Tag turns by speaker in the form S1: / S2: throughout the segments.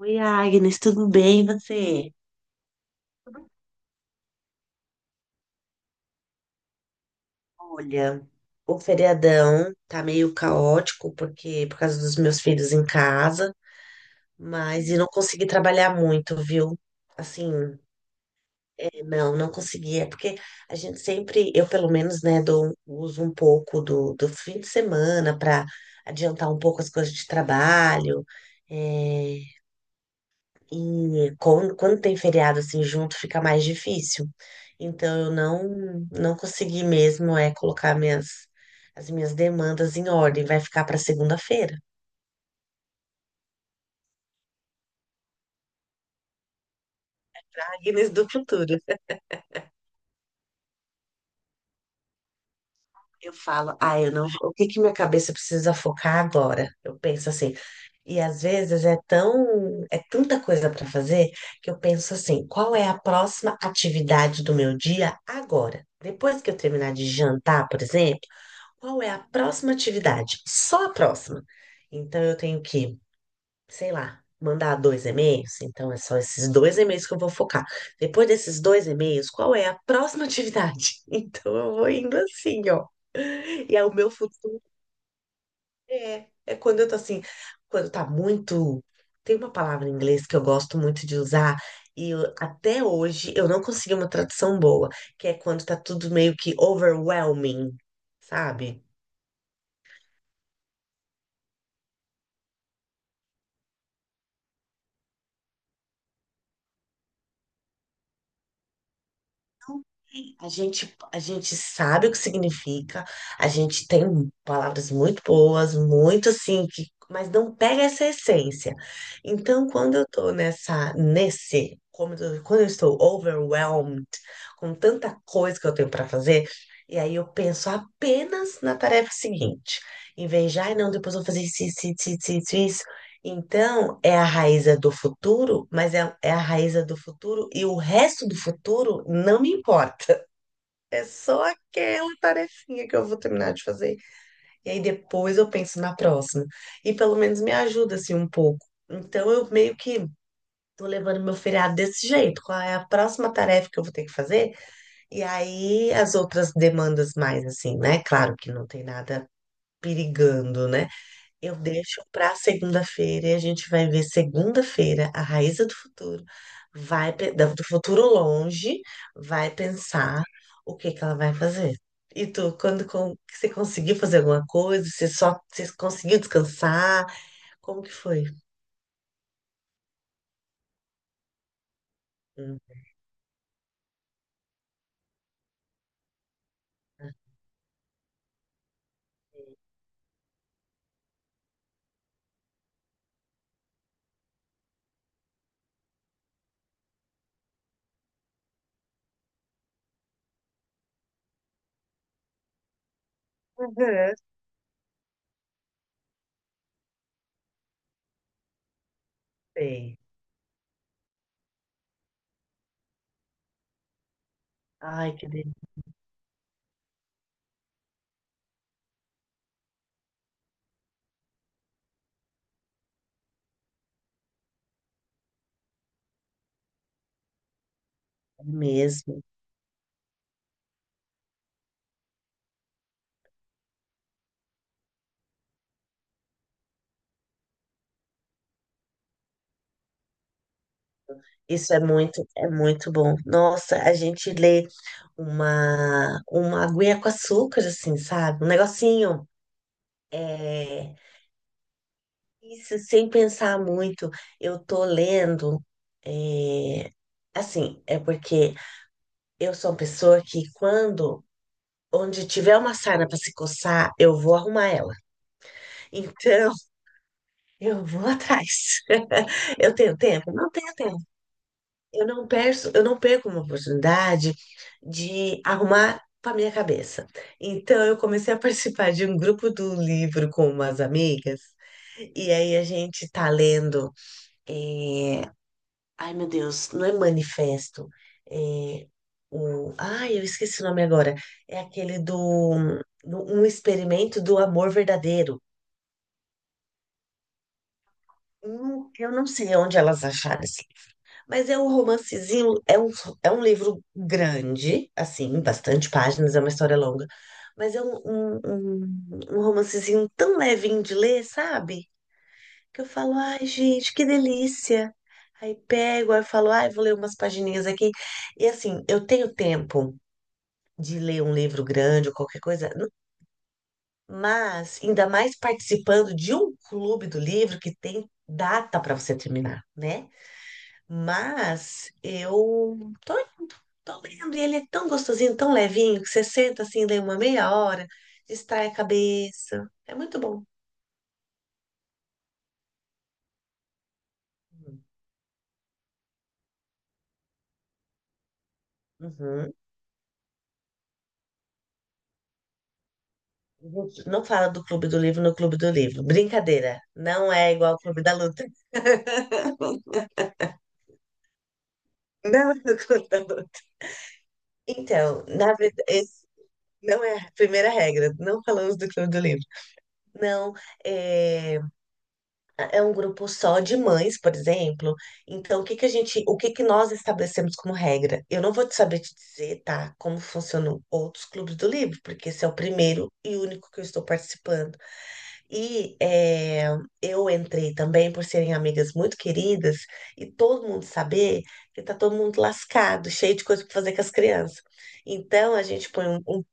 S1: Oi, Agnes, tudo bem? E você? Olha, o feriadão tá meio caótico por causa dos meus filhos em casa, mas não consegui trabalhar muito, viu? Assim, não consegui. É porque a gente sempre, eu pelo menos, né, uso um pouco do fim de semana para adiantar um pouco as coisas de trabalho. é, E quando tem feriado assim junto, fica mais difícil. Então eu não consegui mesmo é colocar minhas as minhas demandas em ordem. Vai ficar para segunda-feira. Agnes do futuro. Eu falo, ah, eu não, o que que minha cabeça precisa focar agora? Eu penso assim. E às vezes é tão, é tanta coisa para fazer que eu penso assim, qual é a próxima atividade do meu dia agora? Depois que eu terminar de jantar, por exemplo, qual é a próxima atividade? Só a próxima. Então eu tenho que, sei lá, mandar dois e-mails. Então é só esses dois e-mails que eu vou focar. Depois desses dois e-mails, qual é a próxima atividade? Então eu vou indo assim, ó. E aí o meu futuro é quando eu tô assim, quando tá muito. Tem uma palavra em inglês que eu gosto muito de usar. Até hoje eu não consegui uma tradução boa, que é quando tá tudo meio que overwhelming, sabe? A gente sabe o que significa, a gente tem palavras muito boas, muito assim, que, mas não pega essa essência. Então, quando eu tô nessa, nesse, como eu- quando eu estou overwhelmed com tanta coisa que eu tenho para fazer, e aí eu penso apenas na tarefa seguinte, em vez de, ai, não, depois eu vou fazer isso, isso, isso, isso, isso, isso. Então, é a raiz do futuro, mas é a raiz do futuro, e o resto do futuro não me importa. É só aquela tarefinha que eu vou terminar de fazer. E aí depois eu penso na próxima. E pelo menos me ajuda assim um pouco. Então eu meio que tô levando meu feriado desse jeito. Qual é a próxima tarefa que eu vou ter que fazer? E aí as outras demandas mais assim, né? Claro que não tem nada perigando, né? Eu deixo para segunda-feira e a gente vai ver segunda-feira a Raíza do futuro. Vai do futuro longe, vai pensar o que que ela vai fazer. E tu, você conseguiu fazer alguma coisa, você conseguiu descansar? Como que foi? Hum. Uhum, sei. Ai, que delícia mesmo. Isso é muito bom. Nossa, a gente lê uma aguinha com açúcar assim, sabe? Um negocinho. é Isso, sem pensar muito, eu tô lendo, é, assim, é porque eu sou uma pessoa que onde tiver uma sarna para se coçar, eu vou arrumar ela. Então, eu vou atrás. Eu tenho tempo? Não tenho tempo. Eu não perco uma oportunidade de arrumar para minha cabeça. Então, eu comecei a participar de um grupo do livro com umas amigas. E aí a gente tá lendo. eh, Ai, meu Deus, não é manifesto. É Ai, eu esqueci o nome agora. É aquele um experimento do amor verdadeiro. Eu não sei onde elas acharam esse. Mas é um romancezinho, é um livro grande, assim, bastante páginas, é uma história longa. Mas é um romancezinho tão levinho de ler, sabe? Que eu falo, ai, gente, que delícia. Aí pego, aí eu falo, ai, vou ler umas pagininhas aqui. E assim, eu tenho tempo de ler um livro grande ou qualquer coisa. Mas ainda mais participando de um clube do livro que tem data para você terminar, né? Mas eu tô indo, tô lendo, e ele é tão gostosinho, tão levinho, que você senta assim, lê uma meia hora, distrai a cabeça. É muito bom. Uhum. Gente, não fala do Clube do Livro no Clube do Livro. Brincadeira. Não é igual ao Clube da Luta. Não é do Clube da Luta. Então, na verdade, esse não é a primeira regra. Não falamos do Clube do Livro. Não, é, é um grupo só de mães, por exemplo. Então, o que que nós estabelecemos como regra? Eu não vou te saber te dizer, tá, como funcionam outros clubes do livro, porque esse é o primeiro e único que eu estou participando. E eu entrei também por serem amigas muito queridas e todo mundo saber que tá todo mundo lascado, cheio de coisa para fazer com as crianças. Então a gente põe um.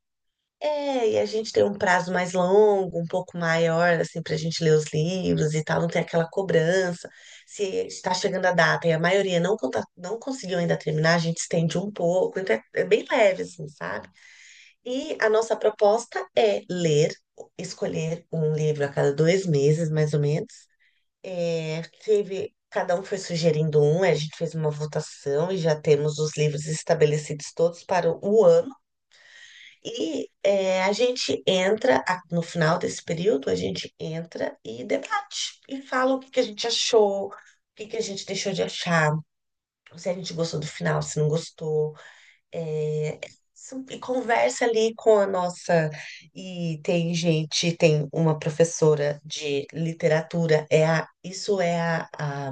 S1: E a gente tem um prazo mais longo, um pouco maior, assim, para a gente ler os livros e tal, não tem aquela cobrança. Se está chegando a data e a maioria não conseguiu ainda terminar, a gente estende um pouco, então é bem leve, assim, sabe? E a nossa proposta é ler, escolher um livro a cada dois meses, mais ou menos. É, teve, cada um foi sugerindo um, a gente fez uma votação e já temos os livros estabelecidos todos para o ano. E a gente entra, no final desse período, a gente entra e debate, e fala o que que a gente achou, o que que a gente deixou de achar, se a gente gostou do final, se não gostou. É, e conversa ali com a nossa. E tem gente, tem uma professora de literatura, é a, isso é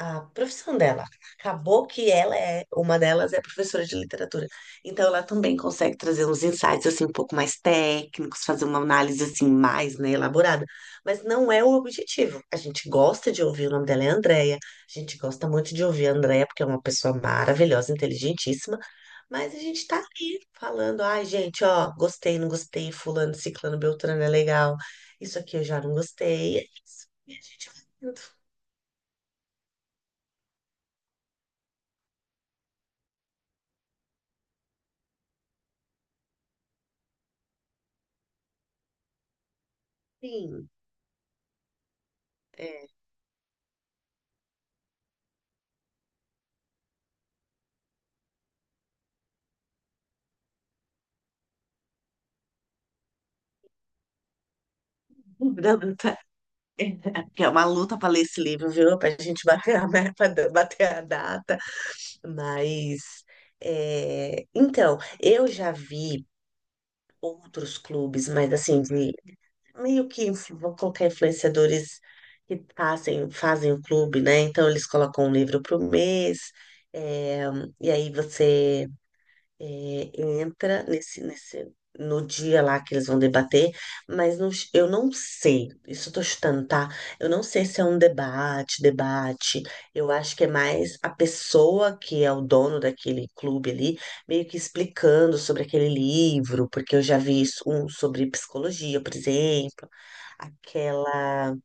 S1: a profissão dela. Acabou que uma delas é professora de literatura. Então ela também consegue trazer uns insights assim um pouco mais técnicos, fazer uma análise assim mais, né, elaborada. Mas não é o objetivo. A gente gosta de ouvir, o nome dela é Andréia. A gente gosta muito de ouvir a Andréia, porque é uma pessoa maravilhosa, inteligentíssima, mas a gente tá ali falando, ai, gente, ó, gostei, não gostei, fulano, ciclano, beltrano é legal. Isso aqui eu já não gostei. É isso. E a gente vai indo. Sim, é. Luta. É uma luta para ler esse livro, viu? Pra gente bater a meta, bater a data. Mas, então, eu já vi outros clubes, mas assim, de meio que vou colocar influenciadores que fazem o clube, né? Então eles colocam um livro por mês, é, e aí você entra no dia lá que eles vão debater, mas não, eu não sei, isso eu tô chutando, tá? Eu não sei se é um debate, debate. Eu acho que é mais a pessoa que é o dono daquele clube ali, meio que explicando sobre aquele livro, porque eu já vi isso, um sobre psicologia, por exemplo, aquela...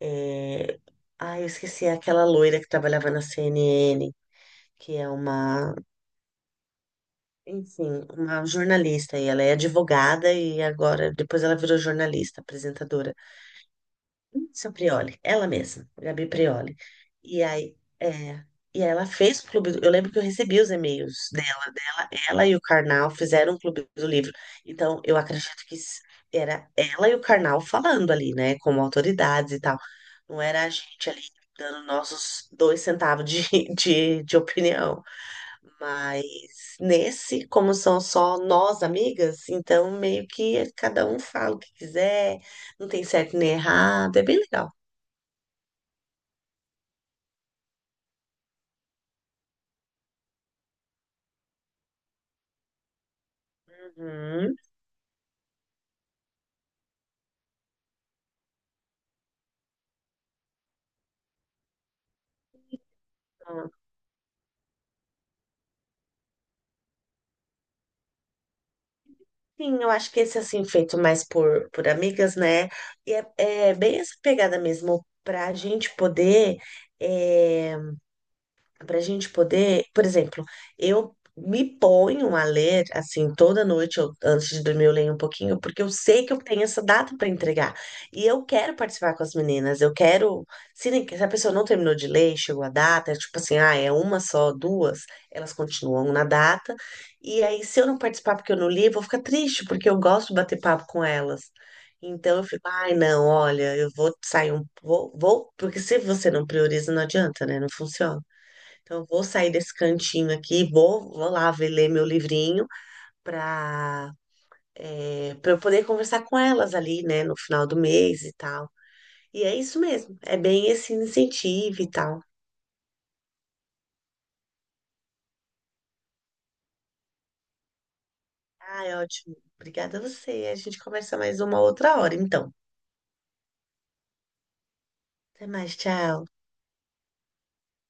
S1: é, ai, eu esqueci, é aquela loira que trabalhava na CNN, que é uma enfim, uma jornalista, e ela é advogada, e agora, depois ela virou jornalista, apresentadora. Seu Prioli, ela mesma, Gabi Prioli. E aí, e ela fez o clube do, eu lembro que eu recebi os e-mails dela, ela e o Karnal fizeram o clube do livro. Então, eu acredito que era ela e o Karnal falando ali, né, como autoridades e tal. Não era a gente ali dando nossos dois centavos de, de opinião. Mas nesse, como são só nós amigas, então meio que cada um fala o que quiser, não tem certo nem errado, é bem legal. Uhum. Sim, eu acho que esse assim, feito mais por amigas, né? E é bem essa pegada mesmo, pra gente poder. eh, Para a gente poder, por exemplo, eu me ponho a ler assim toda noite, antes de dormir eu leio um pouquinho, porque eu sei que eu tenho essa data para entregar e eu quero participar com as meninas. Eu quero, se a pessoa não terminou de ler e chegou a data, é tipo assim, ah, é uma, só duas, elas continuam na data. E aí, se eu não participar porque eu não li, eu vou ficar triste, porque eu gosto de bater papo com elas. Então eu fico, ai, não, olha, eu vou sair, vou porque, se você não prioriza, não adianta, né, não funciona. Então, eu vou sair desse cantinho aqui, vou lá ver, ler meu livrinho para para eu poder conversar com elas ali, né, no final do mês e tal. E é isso mesmo, é bem esse incentivo e tal. Ah, é ótimo. Obrigada a você. A gente conversa mais uma outra hora, então. Até mais, tchau.